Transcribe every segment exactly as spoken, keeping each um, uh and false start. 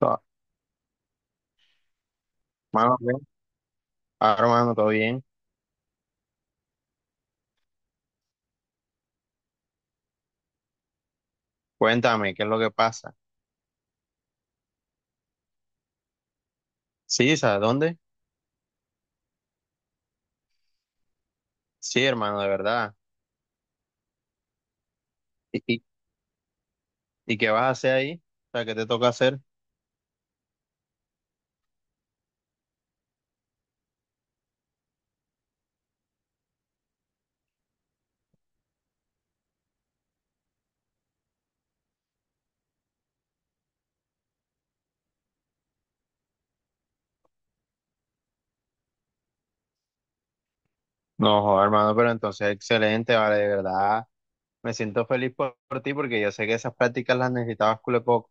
Ah, Mano, ¿qué? Ah, hermano, todo bien. Cuéntame, ¿qué es lo que pasa? Sí, ¿sabes dónde? Sí, hermano, de verdad. ¿Y, y, y qué vas a hacer ahí? O sea, ¿qué te toca hacer? No, joder, hermano, pero entonces excelente, vale, de verdad. Me siento feliz por, por ti porque yo sé que esas prácticas las necesitabas cule poco.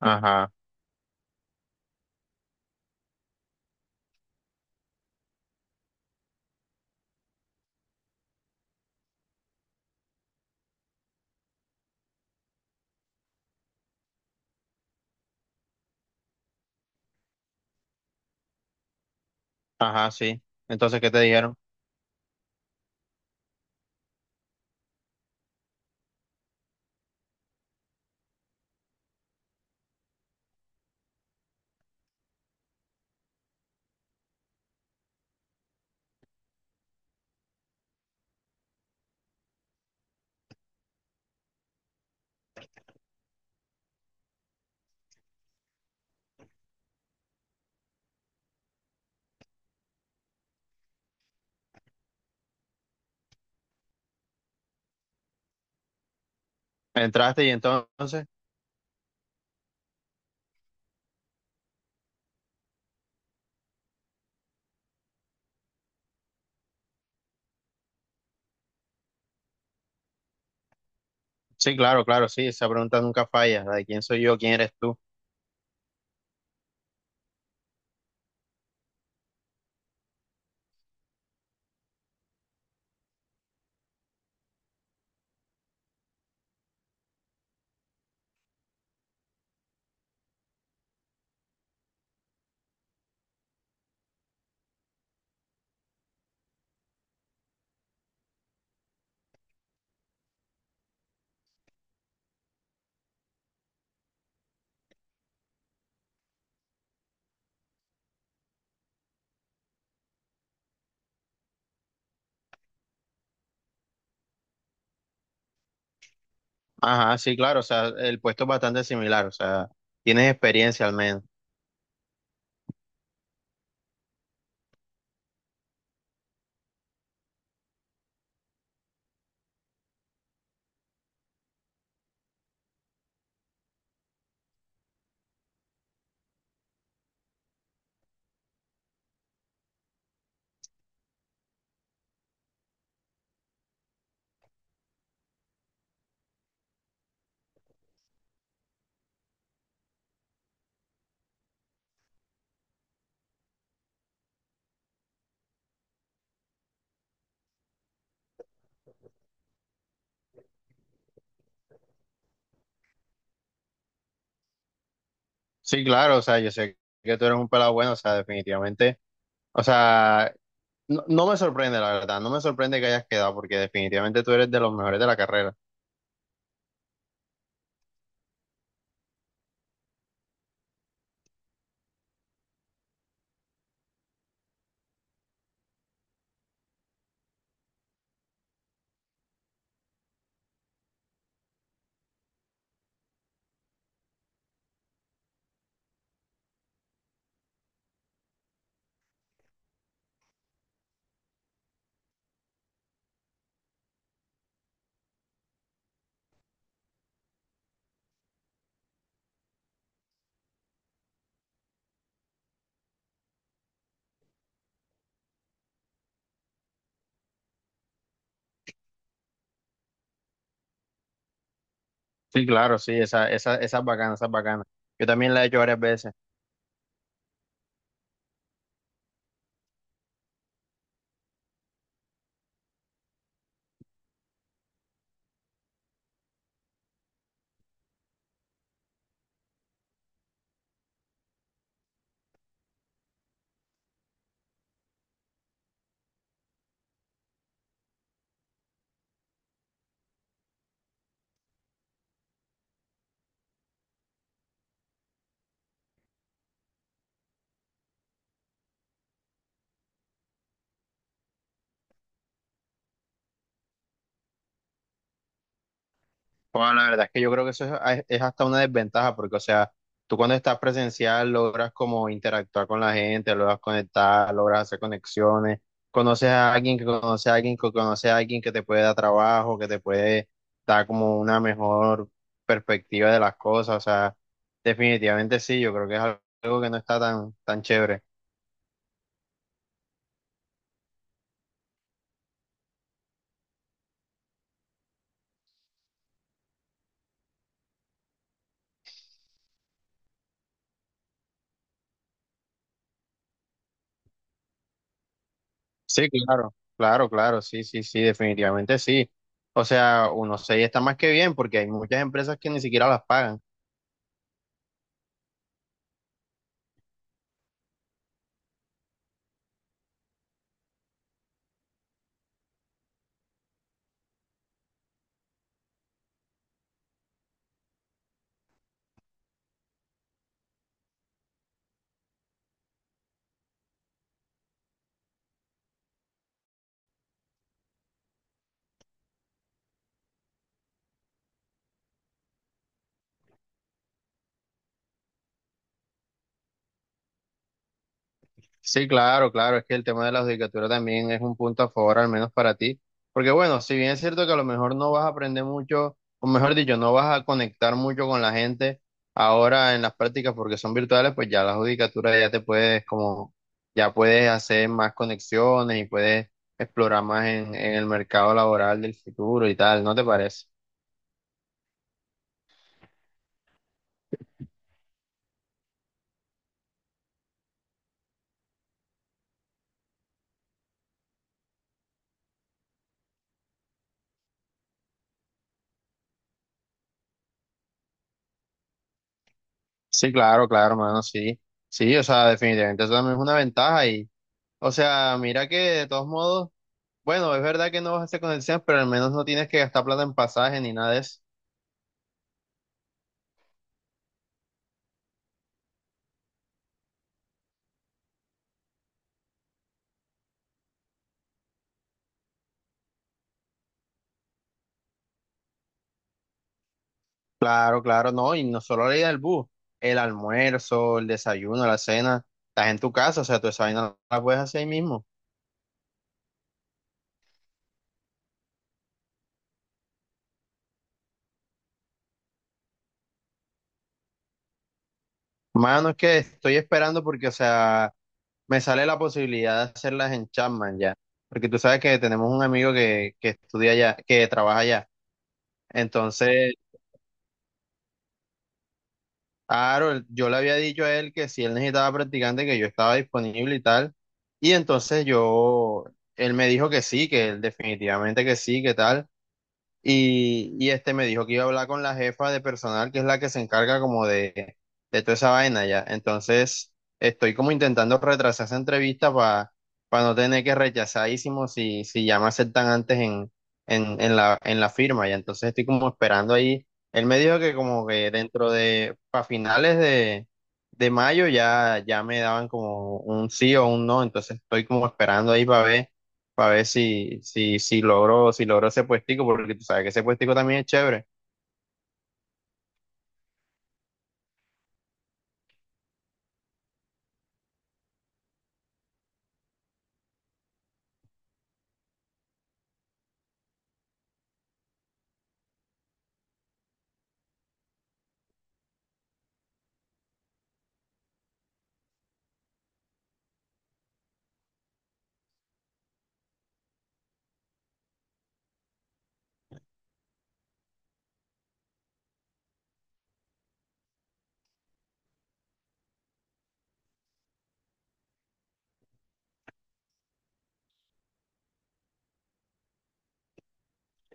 Ajá, ajá, sí. Entonces, ¿qué te dijeron? ¿Entraste y entonces? Sí, claro, claro, sí, esa pregunta nunca falla, la de quién soy yo, quién eres tú. Ajá, sí, claro, o sea, el puesto es bastante similar, o sea, tienes experiencia al menos. Sí, claro, o sea, yo sé que tú eres un pelado bueno, o sea, definitivamente, o sea, no, no me sorprende, la verdad, no me sorprende que hayas quedado, porque definitivamente tú eres de los mejores de la carrera. Sí, claro, sí, esa, esa, esa es bacana, esa es bacana. Yo también la he hecho varias veces. Bueno, la verdad es que yo creo que eso es, es hasta una desventaja, porque, o sea, tú cuando estás presencial logras como interactuar con la gente, logras conectar, logras hacer conexiones, conoces a alguien que conoce a alguien que conoce a alguien que te puede dar trabajo, que te puede dar como una mejor perspectiva de las cosas, o sea, definitivamente sí, yo creo que es algo que no está tan, tan chévere. Sí, claro, claro, claro, sí, sí, sí, definitivamente sí. O sea, uno se está más que bien porque hay muchas empresas que ni siquiera las pagan. Sí, claro, claro, es que el tema de la judicatura también es un punto a favor, al menos para ti, porque bueno, si bien es cierto que a lo mejor no vas a aprender mucho, o mejor dicho, no vas a conectar mucho con la gente ahora en las prácticas porque son virtuales, pues ya la judicatura ya te puedes como, ya puedes hacer más conexiones y puedes explorar más en, en el mercado laboral del futuro y tal, ¿no te parece? Sí, claro, claro, hermano, sí, sí, o sea, definitivamente eso también es una ventaja y, o sea, mira que de todos modos... Bueno, es verdad que no vas a hacer conexiones, pero al menos no tienes que gastar plata en pasaje ni nada de eso. Claro, claro, no, y no solo la ida del bus, el almuerzo, el desayuno, la cena, estás en tu casa, o sea, tú esa vaina la puedes hacer ahí mismo. Mano, es que estoy esperando porque, o sea, me sale la posibilidad de hacerlas en Chapman ya, porque tú sabes que tenemos un amigo que, que estudia allá, que trabaja allá, entonces claro, él- yo le había dicho a él que si él necesitaba practicante, que yo estaba disponible y tal. Y entonces yo, él me dijo que sí, que él definitivamente que sí, que tal. Y, y este me dijo que iba a hablar con la jefa de personal, que es la que se encarga como de, de toda esa vaina ya. Entonces, estoy como intentando retrasar esa entrevista para no tener que rechazadísimo si, si ya me aceptan antes en, en, en la, en la firma. Y entonces estoy como esperando ahí. Él me dijo que como que dentro de, para finales de, de mayo ya, ya me daban como un sí o un no. Entonces estoy como esperando ahí para ver para ver si, si, si logro, si logro ese puestico, porque tú sabes que ese puestico también es chévere.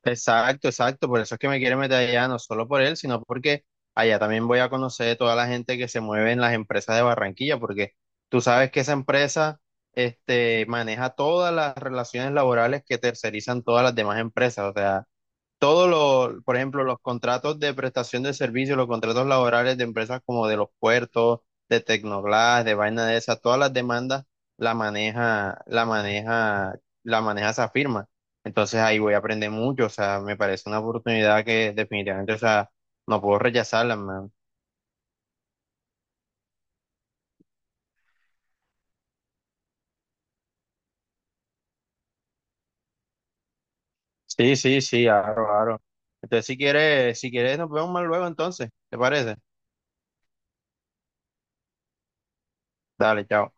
Exacto, exacto, por eso es que me quiero meter allá, no solo por él, sino porque allá también voy a conocer toda la gente que se mueve en las empresas de Barranquilla, porque tú sabes que esa empresa, este, maneja todas las relaciones laborales que tercerizan todas las demás empresas, o sea, todos los, por ejemplo, los contratos de prestación de servicios, los contratos laborales de empresas como de los puertos, de Tecnoglass, de vaina de esas, todas las demandas la maneja, la maneja, la maneja esa firma. Entonces ahí voy a aprender mucho, o sea, me parece una oportunidad que definitivamente, o sea, no puedo rechazarla, man. Sí, sí, sí, claro, claro. Entonces si quieres, si quieres nos vemos más luego entonces, ¿te parece? Dale, chao.